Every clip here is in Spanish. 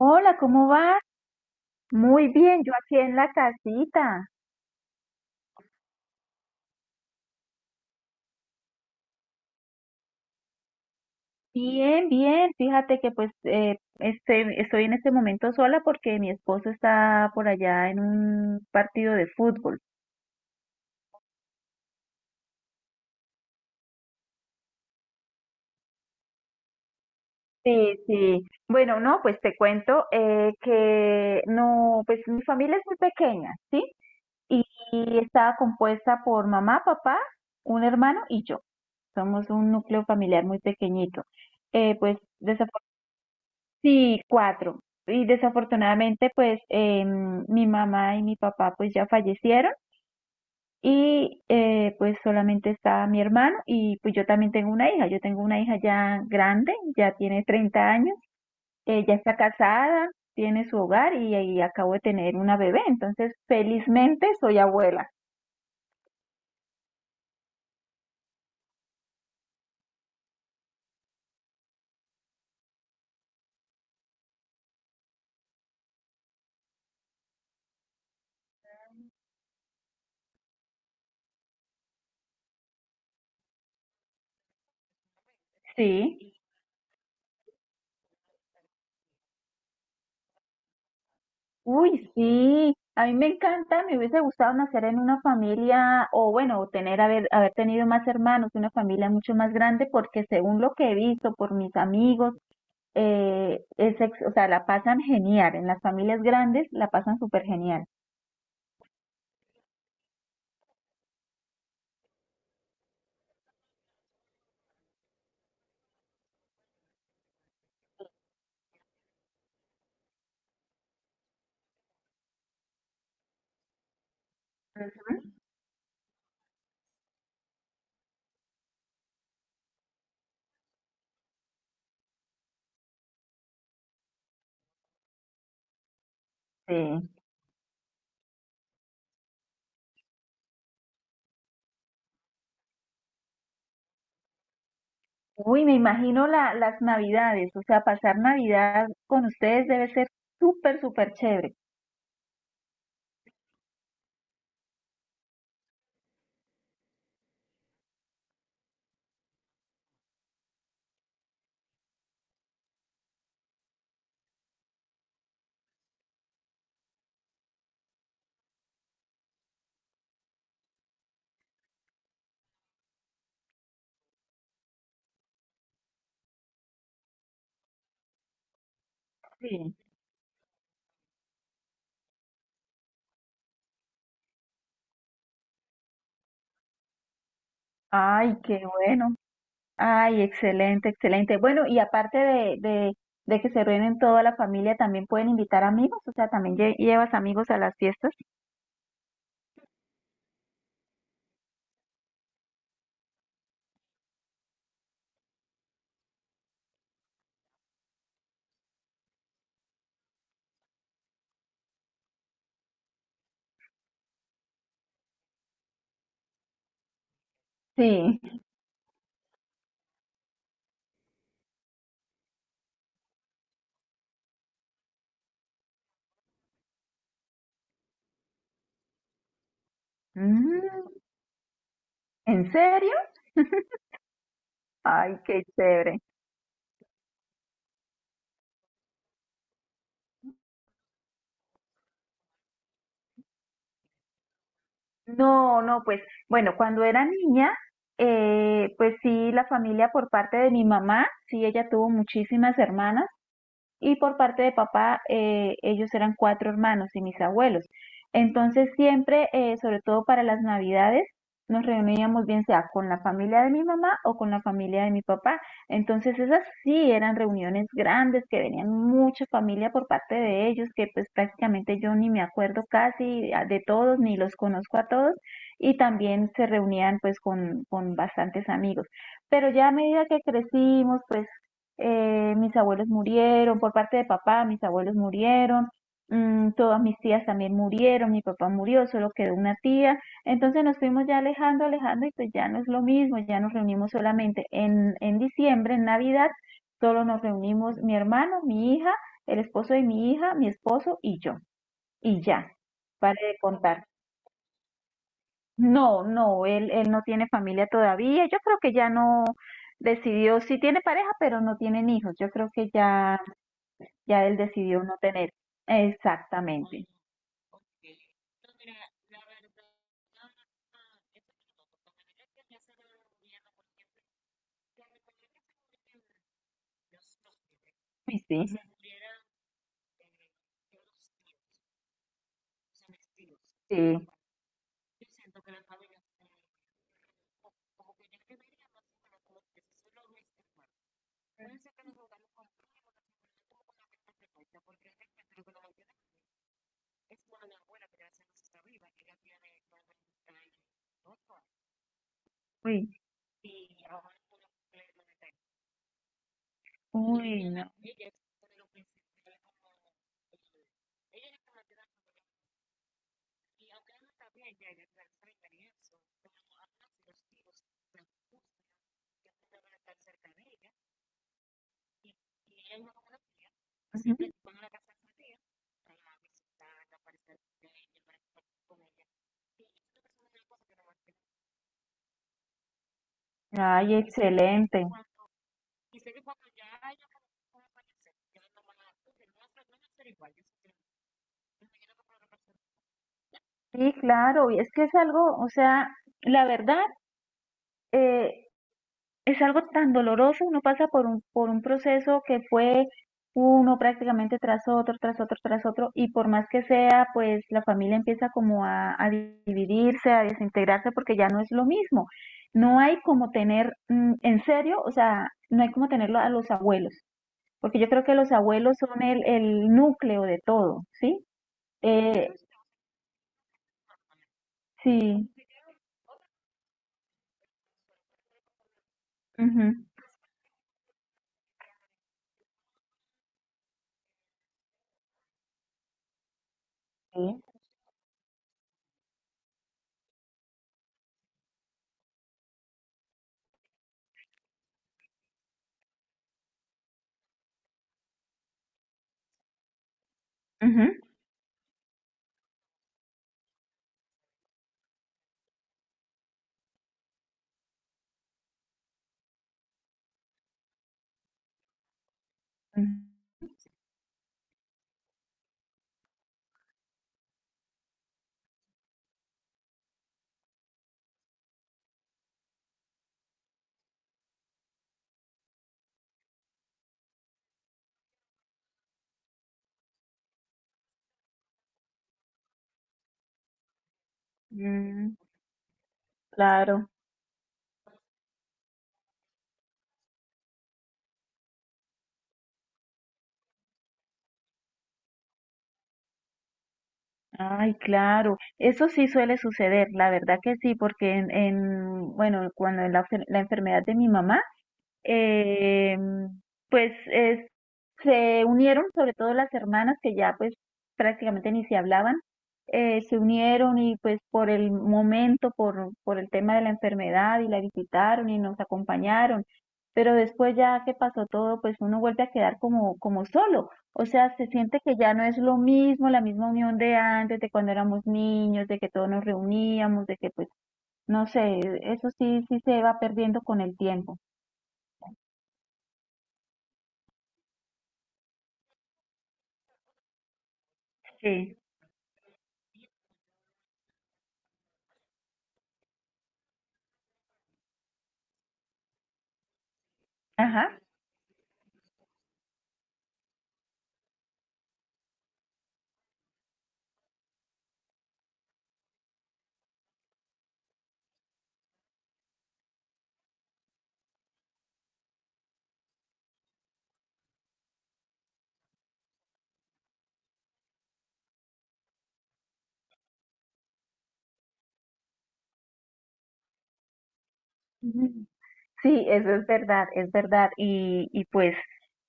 Hola, ¿cómo vas? Muy bien, yo aquí en la casita. Bien, bien. Fíjate que pues estoy en este momento sola porque mi esposo está por allá en un partido de fútbol. Sí, sí. Bueno, no, pues te cuento que no, pues mi familia es muy pequeña, ¿sí? Y, y está compuesta por mamá, papá, un hermano y yo. Somos un núcleo familiar muy pequeñito. Eh, pues Sí, cuatro. Y desafortunadamente, mi mamá y mi papá pues ya fallecieron y pues solamente está mi hermano y pues yo también tengo una hija. Yo tengo una hija ya grande, ya tiene 30 años, ya está casada, tiene su hogar y acabo de tener una bebé. Entonces, felizmente soy abuela. Sí. Uy, sí, a mí me encanta, me hubiese gustado nacer en una familia o bueno, tener haber tenido más hermanos, una familia mucho más grande, porque según lo que he visto por mis amigos, o sea, la pasan genial, en las familias grandes la pasan súper genial. Sí. Uy, me imagino las navidades, o sea, pasar Navidad con ustedes debe ser súper, súper chévere. Sí. Ay, qué bueno. Ay, excelente, excelente. Bueno, y aparte de que se reúnen toda la familia, también pueden invitar amigos, o sea, también llevas amigos a las fiestas. Sí. Mm, ¿en serio? Ay, qué chévere. No, no, pues bueno, cuando era niña, pues sí, la familia por parte de mi mamá, sí, ella tuvo muchísimas hermanas. Y por parte de papá ellos eran cuatro hermanos y mis abuelos. Entonces siempre, sobre todo para las navidades, nos reuníamos bien sea con la familia de mi mamá o con la familia de mi papá. Entonces esas sí eran reuniones grandes que venían mucha familia por parte de ellos, que pues prácticamente yo ni me acuerdo casi de todos, ni los conozco a todos, y también se reunían pues con bastantes amigos. Pero ya a medida que crecimos, pues mis abuelos murieron, por parte de papá, mis abuelos murieron, todas mis tías también murieron, mi papá murió, solo quedó una tía, entonces nos fuimos ya alejando, alejando y pues ya no es lo mismo, ya nos reunimos solamente en diciembre, en Navidad, solo nos reunimos mi hermano, mi hija, el esposo de mi hija, mi esposo y yo, y ya, pare de contar. No, no, él no tiene familia todavía, yo creo que ya no decidió, sí tiene pareja, pero no tienen hijos, yo creo que ya él decidió no tener. Exactamente. Uy, sí, sí. Uy, uy, no. Ujú. Ay, excelente. Sí, claro, y es que es algo, o sea, la verdad, es algo tan doloroso, uno pasa por por un proceso que fue uno prácticamente tras otro, tras otro, tras otro, y por más que sea, pues la familia empieza como a dividirse, a desintegrarse, porque ya no es lo mismo. No hay como tener, en serio, o sea, no hay como tenerlo a los abuelos, porque yo creo que los abuelos son el núcleo de todo, ¿sí? Eh, sí, ujú, sí, ujú, ujú, mm, claro. Ay, claro, eso sí suele suceder, la verdad que sí, porque bueno, cuando la enfermedad de mi mamá, eh, pues es- se unieron, sobre todo las hermanas que ya pues prácticamente ni se hablaban, se unieron y pues por el momento, por el tema de la enfermedad y la visitaron y nos acompañaron, pero después ya que pasó todo, pues uno vuelve a quedar como, como solo, o sea, se siente que ya no es lo mismo, la misma unión de antes, de cuando éramos niños, de que todos nos reuníamos, de que pues, no sé, eso sí, sí se va perdiendo con el tiempo. Sí. Ajá. Ujú. Sí, eso es verdad, es verdad. Y pues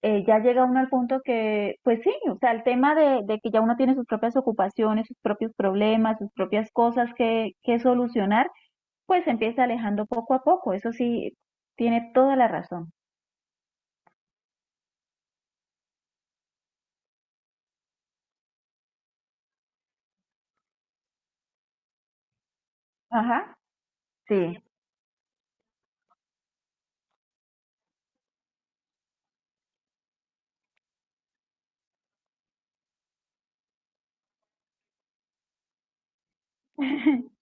ya llega uno al punto que, pues sí, o sea, el tema de que ya uno tiene sus propias ocupaciones, sus propios problemas, sus propias cosas que solucionar, pues se empieza alejando poco a poco. Eso sí, tiene toda la razón. Ajá, sí.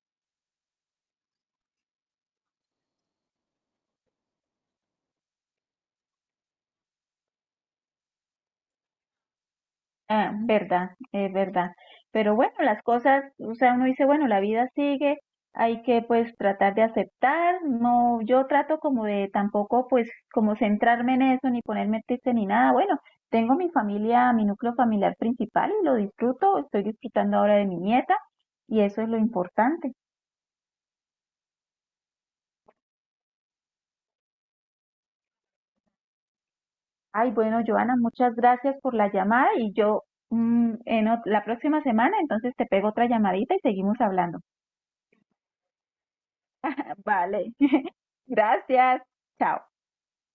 Ah, verdad, es verdad. Pero bueno, las cosas, o sea, uno dice, bueno, la vida sigue, hay que pues tratar de aceptar, no, yo trato como de tampoco pues como centrarme en eso, ni ponerme triste ni nada. Bueno, tengo mi familia, mi núcleo familiar principal y lo disfruto, estoy disfrutando ahora de mi nieta y eso es lo importante. Ay, bueno, Joana, muchas gracias por la llamada y yo la próxima semana entonces te pego otra llamadita y seguimos hablando. Vale. Gracias. Chao.